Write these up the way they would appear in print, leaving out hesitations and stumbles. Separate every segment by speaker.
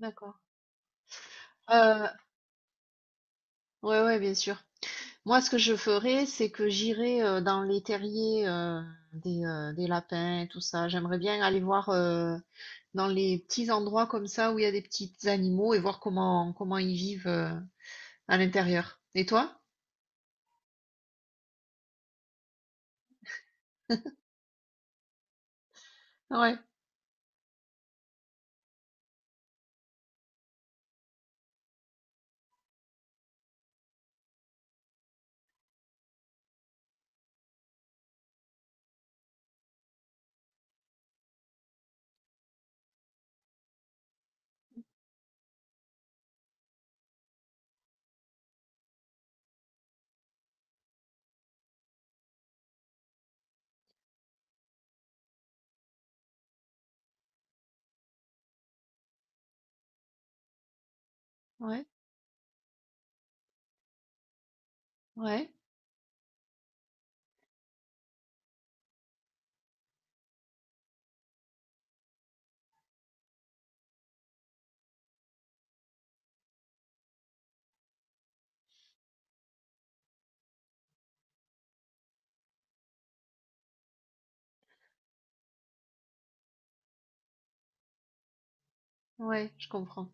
Speaker 1: D'accord. Heu, ouais, ouais, bien sûr. Moi, ce que je ferais, c'est que j'irais, dans les terriers, des lapins et tout ça. J'aimerais bien aller voir, dans les petits endroits comme ça où il y a des petits animaux et voir comment ils vivent, à l'intérieur. Et toi? Ouais, ouais, ouais, ouais, je comprends.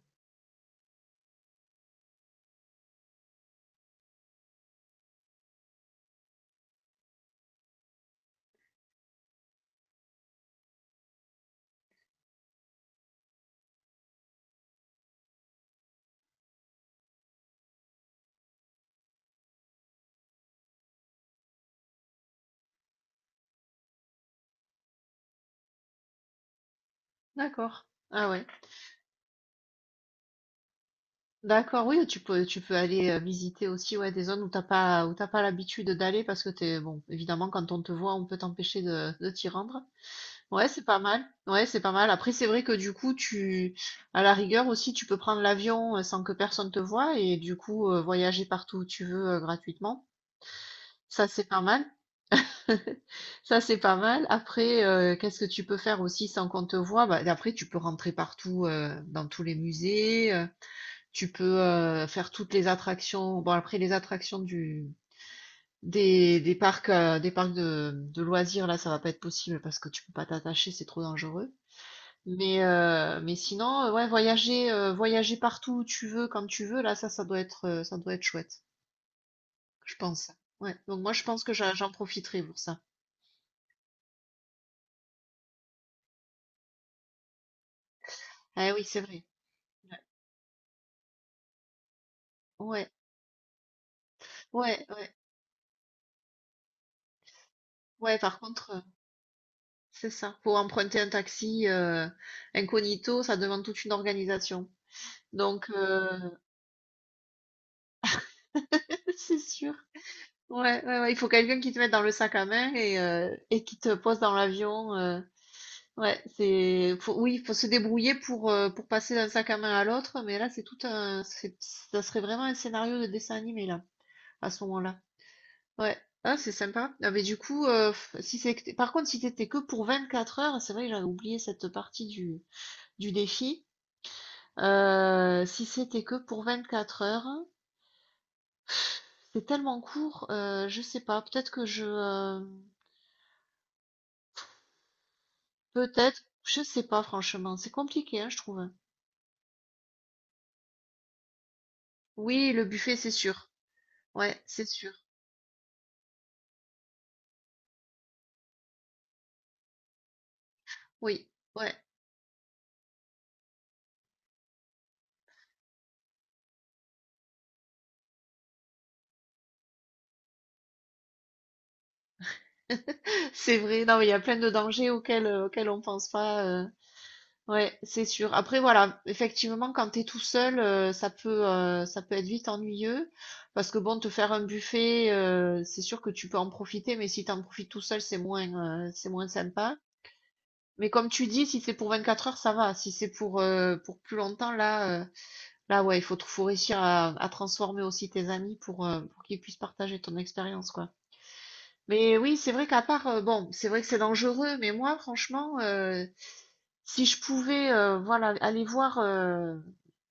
Speaker 1: D'accord. Ah ouais. D'accord, oui, tu peux aller, visiter aussi, ouais, des zones où t'as pas l'habitude d'aller parce que t'es bon, évidemment, quand on te voit, on peut t'empêcher de t'y rendre. Ouais, c'est pas mal. Ouais, c'est pas mal. Après, c'est vrai que du coup, tu, à la rigueur aussi, tu peux prendre l'avion sans que personne te voie et du coup, voyager partout où tu veux gratuitement. Ça, c'est pas mal. Ça, c'est pas mal. Après, qu'est-ce que tu peux faire aussi sans qu'on te voie? Bah, après, tu peux rentrer partout, dans tous les musées. Tu peux faire toutes les attractions. Bon, après, les attractions du des parcs de loisirs, là, ça va pas être possible parce que tu peux pas t'attacher, c'est trop dangereux. Mais sinon, ouais, voyager partout où tu veux, quand tu veux, là, ça doit être chouette, je pense. Ouais, donc moi, je pense que j'en profiterai pour ça. Ah oui, c'est vrai. Ouais, ouais, ouais, ouais, ouais, par contre, c'est ça, pour emprunter un taxi, incognito, ça demande toute une organisation. Donc, heu, c'est sûr. Ouais, ouais, ouais, il faut quelqu'un qui te mette dans le sac à main et qui te pose dans l'avion, Ouais, c'est faut, oui, faut se débrouiller pour passer d'un sac à main à l'autre, mais là c'est tout un c'est- ça serait vraiment un scénario de dessin animé là à ce moment-là. Ouais. Ah, c'est sympa. Ah, mais du coup si par contre si t'étais que pour 24 heures, c'est vrai que j'avais oublié cette partie du défi. Si c'était que pour 24 heures, c'est tellement court, je sais pas, peut-être que je peut-être je sais pas franchement, c'est compliqué hein, je trouve. Oui, le buffet c'est sûr. Ouais, c'est sûr. Oui, ouais, c'est vrai. Non, mais il y a plein de dangers auxquels on pense pas. Ouais, c'est sûr. Après, voilà, effectivement, quand t'es tout seul, ça peut être vite ennuyeux. Parce que bon, te faire un buffet, c'est sûr que tu peux en profiter, mais si t'en profites tout seul, c'est moins sympa. Mais comme tu dis, si c'est pour 24 heures, ça va. Si c'est pour plus longtemps, là, ouais, faut réussir à transformer aussi tes amis pour qu'ils puissent partager ton expérience, quoi. Mais oui, c'est vrai qu'à part, bon, c'est vrai que c'est dangereux, mais moi, franchement, si je pouvais, voilà, aller voir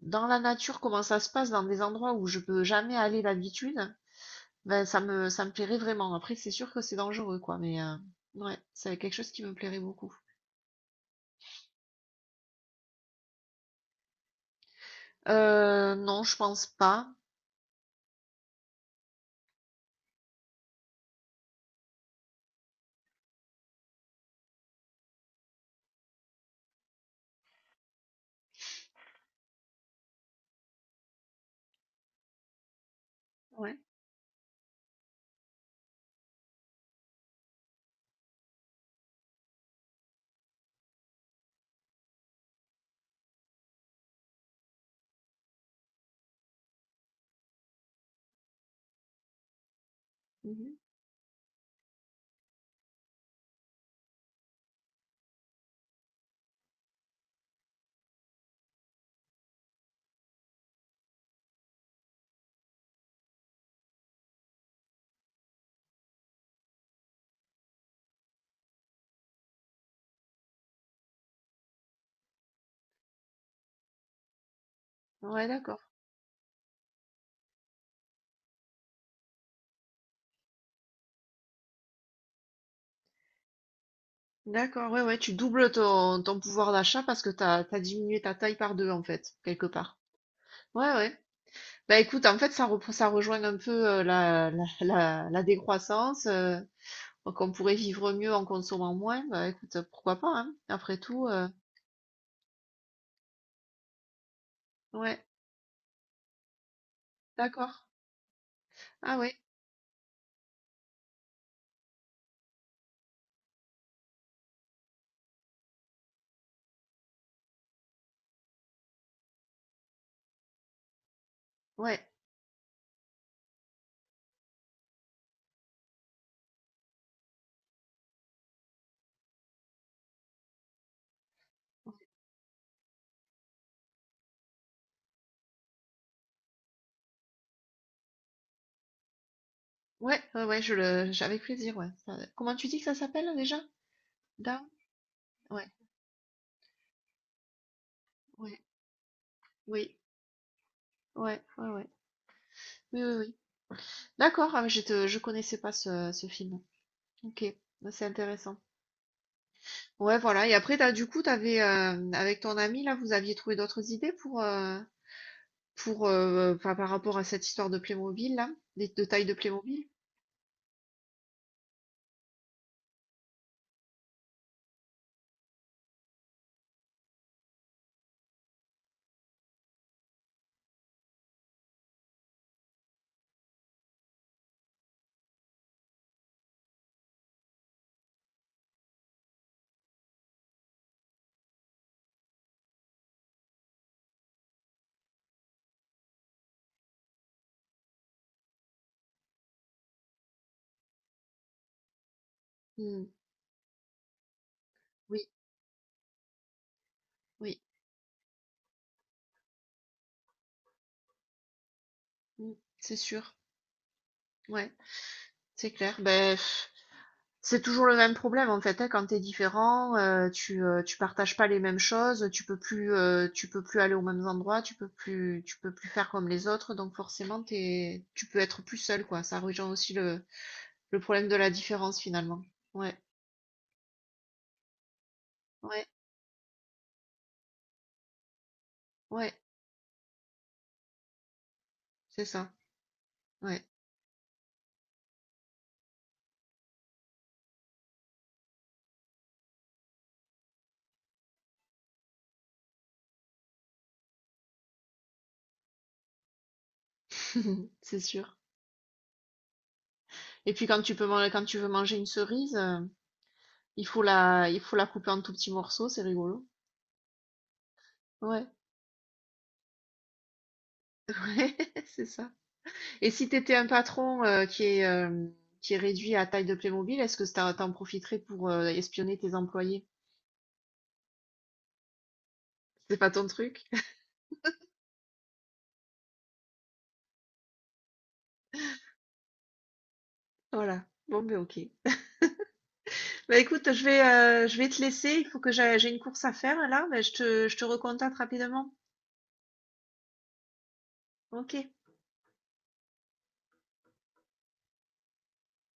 Speaker 1: dans la nature comment ça se passe dans des endroits où je peux jamais aller d'habitude, ben ça me plairait vraiment. Après, c'est sûr que c'est dangereux, quoi, mais ouais, c'est quelque chose qui me plairait beaucoup. Non, je pense pas. Ouais. Mhm. Ouais, d'accord. D'accord, ouais, ouais, tu doubles ton pouvoir d'achat parce que t'as diminué ta taille par deux, en fait, quelque part. Ouais, ouais. Bah écoute, en fait, ça rejoint un peu la décroissance, donc on pourrait vivre mieux en consommant moins. Bah écoute, pourquoi pas, hein, après tout. Euh, ouais, d'accord. Ah ouais, ouais, ouais, ouais, ouais, avec plaisir, ouais. Ça, comment tu dis que ça s'appelle déjà? Down? Ouais, ouais, oui, ouais, ouais, ouais. Oui, oui, oui. D'accord, ah, mais je connaissais pas ce film. Ok, bah, c'est intéressant. Ouais, voilà. Et après, t'avais, avec ton ami, là, vous aviez trouvé d'autres idées pour... Pour, enfin, par rapport à cette histoire de Playmobil là, des de taille de Playmobil? Mmh. Oui, oui, mmh, c'est sûr. Ouais, c'est clair. Beh, c'est toujours le même problème en fait, hein, quand t'es différent, tu partages pas les mêmes choses, tu peux plus aller aux mêmes endroits, tu peux plus faire comme les autres, donc forcément t'es tu peux être plus seul quoi. Ça rejoint aussi le problème de la différence finalement. Ouais, ouais, ouais, c'est ça, ouais, c'est sûr. Et puis quand tu veux manger une cerise, il faut il faut la couper en tout petits morceaux, c'est rigolo. Ouais, ouais, c'est ça. Et si t'étais un patron qui est réduit à taille de Playmobil, est-ce que t'en t'en profiterais pour espionner tes employés? C'est pas ton truc? Voilà. Bon, ben ok. Bah écoute, je vais te laisser. Il faut que j'ai une course à faire là, mais je te recontacte rapidement. Ok.